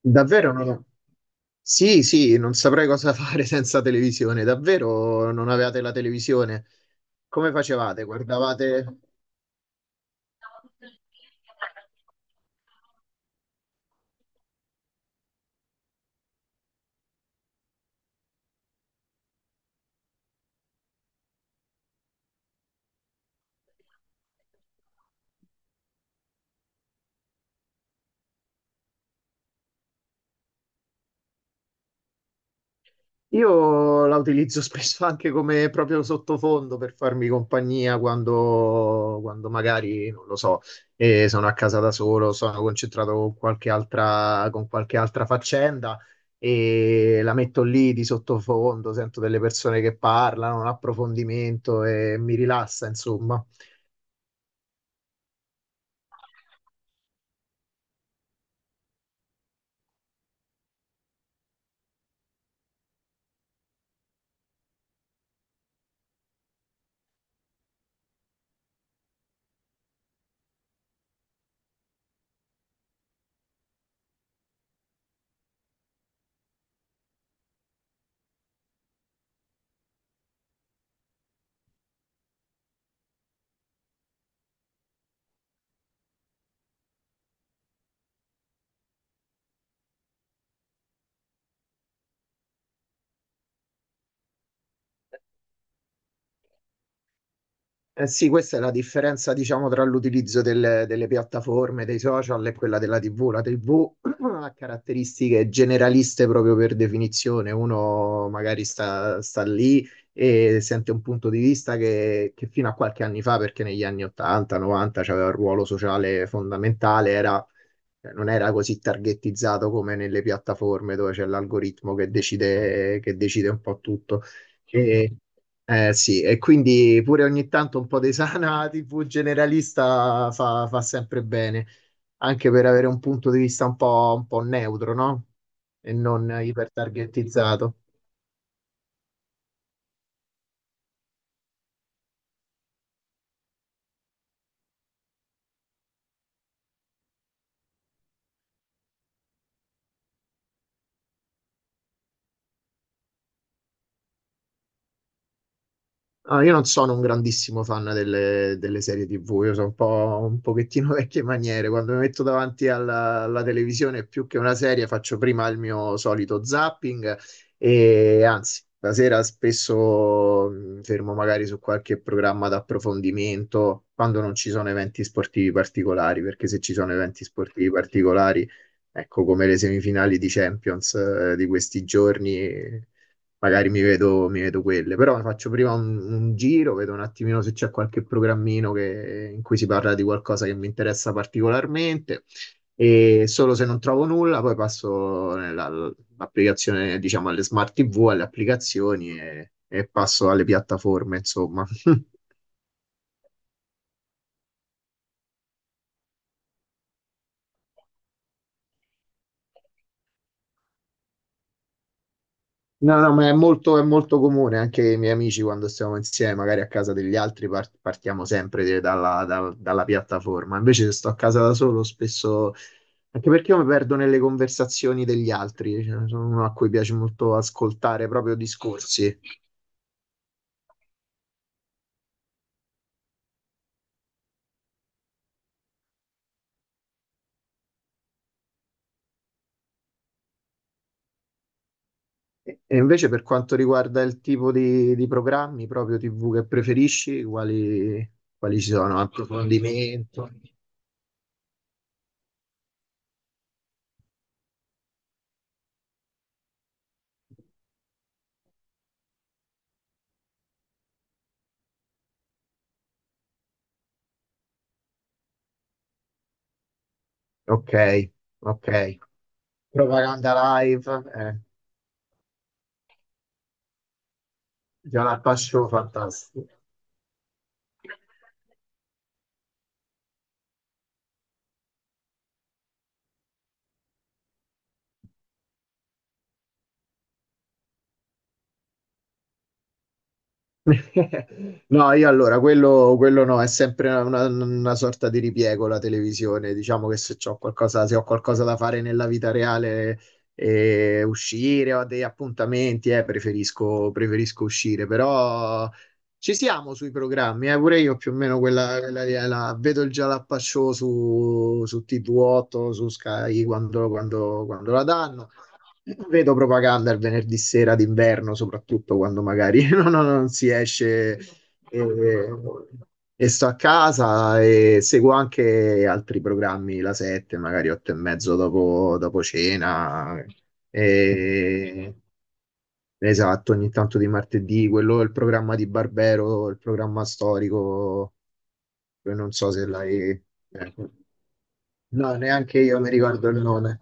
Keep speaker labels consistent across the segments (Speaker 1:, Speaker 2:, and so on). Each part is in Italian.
Speaker 1: Davvero non ho- sì, sì, non saprei cosa fare senza televisione. Davvero non avevate la televisione? Come facevate? Guardavate? Io la utilizzo spesso anche come proprio sottofondo per farmi compagnia quando magari, non lo so, sono a casa da solo, sono concentrato con qualche altra faccenda e la metto lì di sottofondo, sento delle persone che parlano, un approfondimento e mi rilassa, insomma. Eh sì, questa è la differenza, diciamo, tra l'utilizzo delle piattaforme, dei social e quella della TV. La TV ha caratteristiche generaliste proprio per definizione. Uno magari sta lì e sente un punto di vista che fino a qualche anni fa, perché negli anni 80, 90 c'aveva un ruolo sociale fondamentale, era cioè, non era così targettizzato come nelle piattaforme dove c'è l'algoritmo che decide un po' tutto. E, sì, e quindi pure ogni tanto un po' di sana TV generalista fa sempre bene, anche per avere un punto di vista un po' neutro, no? E non ipertargettizzato. Ah, io non sono un grandissimo fan delle serie TV, io sono un pochettino vecchie maniere. Quando mi metto davanti alla televisione, più che una serie, faccio prima il mio solito zapping e anzi, la sera spesso mi fermo magari su qualche programma d'approfondimento quando non ci sono eventi sportivi particolari, perché se ci sono eventi sportivi particolari, ecco come le semifinali di Champions, di questi giorni magari mi vedo quelle, però faccio prima un giro, vedo un attimino se c'è qualche in cui si parla di qualcosa che mi interessa particolarmente e solo se non trovo nulla poi passo nell'applicazione, diciamo, alle smart TV, alle applicazioni e passo alle piattaforme, insomma. No, no, ma è è molto comune, anche i miei amici quando stiamo insieme, magari a casa degli altri, partiamo sempre dalla piattaforma. Invece se sto a casa da solo, spesso anche perché io mi perdo nelle conversazioni degli altri, cioè, sono uno a cui piace molto ascoltare proprio discorsi. E invece per quanto riguarda il tipo di programmi proprio TV che preferisci, quali ci sono? Approfondimento? Ok, ok. Propaganda live? Già la fantastico. No, io allora, quello no, è sempre una sorta di ripiego la televisione. Diciamo che se c'ho qualcosa, se ho qualcosa da fare nella vita reale, uscire, ho dei appuntamenti, eh, preferisco uscire, però ci siamo sui programmi, pure io più o meno quella lì, vedo il Jalappa Show su TV8, su Sky quando la danno. Vedo propaganda il venerdì sera d'inverno, soprattutto quando magari non si esce e, e sto a casa e seguo anche altri programmi, la 7, magari 8 e mezzo dopo cena. E- esatto, ogni tanto di martedì, quello è il programma di Barbero, il programma storico, che non so se l'hai... ecco. No, neanche io mi ricordo il nome.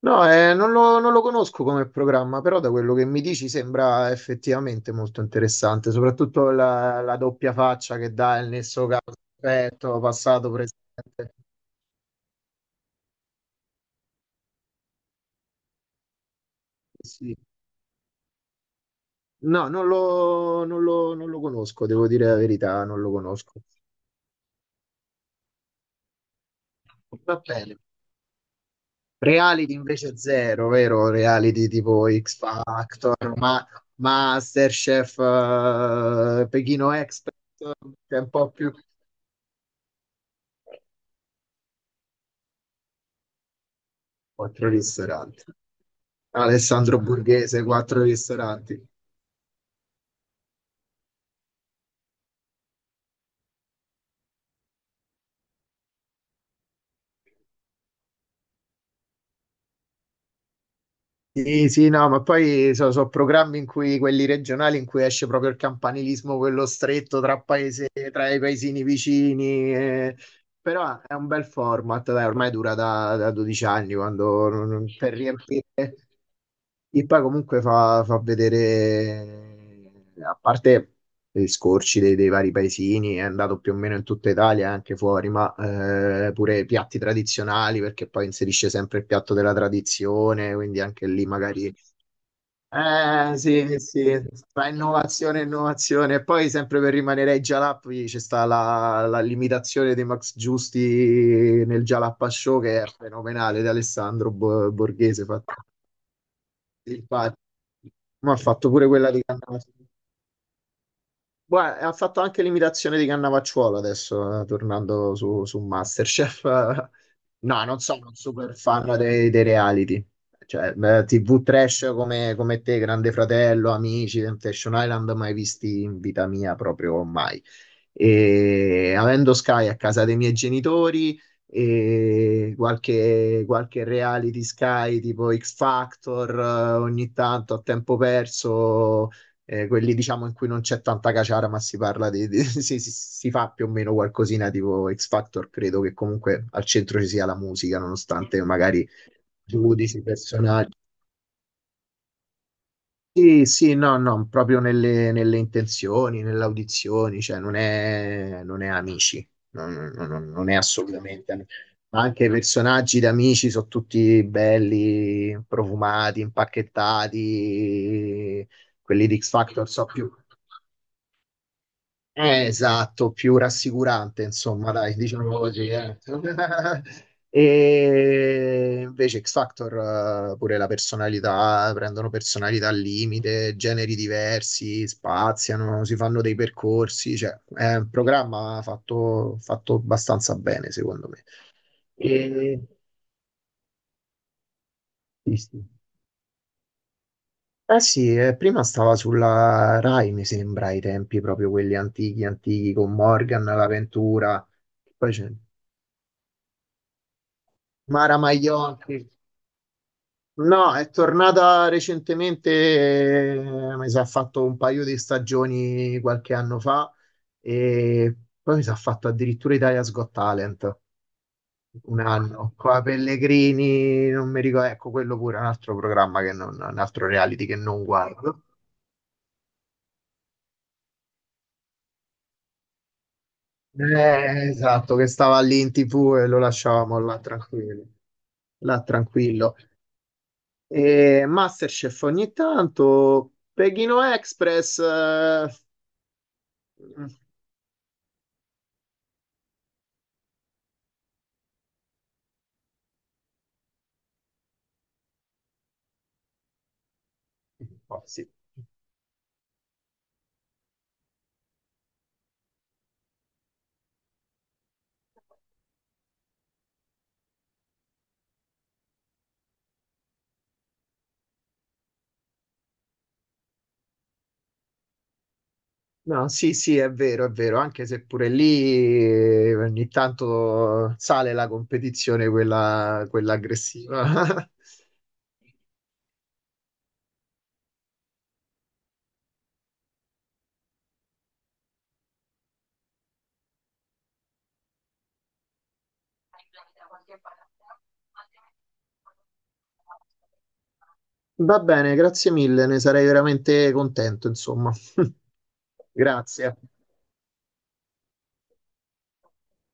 Speaker 1: No, eh, non lo conosco come programma, però da quello che mi dici sembra effettivamente molto interessante, soprattutto la doppia faccia che dà il nesso causa-effetto, passato, presente. Eh sì. No, non lo conosco, devo dire la verità, non lo conosco. Va bene. Reality invece zero, vero? Reality tipo X Factor, ma MasterChef, Pechino Express, che è un po' più... Quattro ristoranti. Alessandro Borghese, quattro ristoranti. Sì, sì, no, ma poi sono programmi in cui quelli regionali in cui esce proprio il campanilismo, quello stretto tra paese, tra i paesini vicini, eh. Però è un bel format, dai, ormai dura da 12 anni quando non- non- per riempire. E poi comunque fa vedere, a parte gli scorci dei vari paesini, è andato più o meno in tutta Italia, e anche fuori, ma pure i piatti tradizionali, perché poi inserisce sempre il piatto della tradizione, quindi anche lì magari... Eh sì, fa innovazione, e innovazione. E poi sempre per rimanere ai Jalappi c'è sta la, la l'imitazione di Max Giusti nel Jalappa Show che è fenomenale, di Borghese. Fatto infatti, ma ha fatto pure quella di Cannavaro. Guarda, ha fatto anche l'imitazione di Cannavacciuolo adesso, tornando su MasterChef. No, non sono un super fan dei reality. Cioè, beh, TV trash come te, Grande Fratello, Amici, Temptation Island, mai visti in vita mia proprio mai. E avendo Sky a casa dei miei genitori e qualche reality Sky tipo X Factor, ogni tanto a tempo perso quelli diciamo in cui non c'è tanta caciara, ma si parla si fa più o meno qualcosina tipo X Factor, credo che comunque al centro ci sia la musica, nonostante magari giudici, personaggi. Sì, sì, no, no, proprio nelle intenzioni, nelle audizioni, cioè non è amici, non è assolutamente amici. Ma anche i personaggi di amici sono tutti belli, profumati, impacchettati, quelli di X Factor so più. Esatto, più rassicurante, insomma, dai, diciamo così, eh. E invece X Factor, pure la personalità, prendono personalità al limite, generi diversi, spaziano, si fanno dei percorsi, cioè è un programma fatto abbastanza bene, secondo me. E... sì, sì. Eh sì, prima stava sulla Rai, mi sembra, ai tempi proprio quelli antichi, con Morgan, l'avventura. Poi c'è. Mara Maionchi. No, è tornata recentemente, mi sa, ha fatto un paio di stagioni qualche anno fa e poi mi sa, ha fatto addirittura Italia's Got Talent un anno. Qua Pellegrini, non mi ricordo, ecco, quello pure è un altro programma che non, un altro reality che non guardo. Esatto, che stava lì in TV e lo lasciavamo là tranquillo. Là tranquillo. E Masterchef ogni tanto, Pechino Express, oh, sì. No, sì, è vero, anche se pure lì ogni tanto sale la competizione, quella aggressiva. Va bene, grazie mille, ne sarei veramente contento, insomma. Grazie.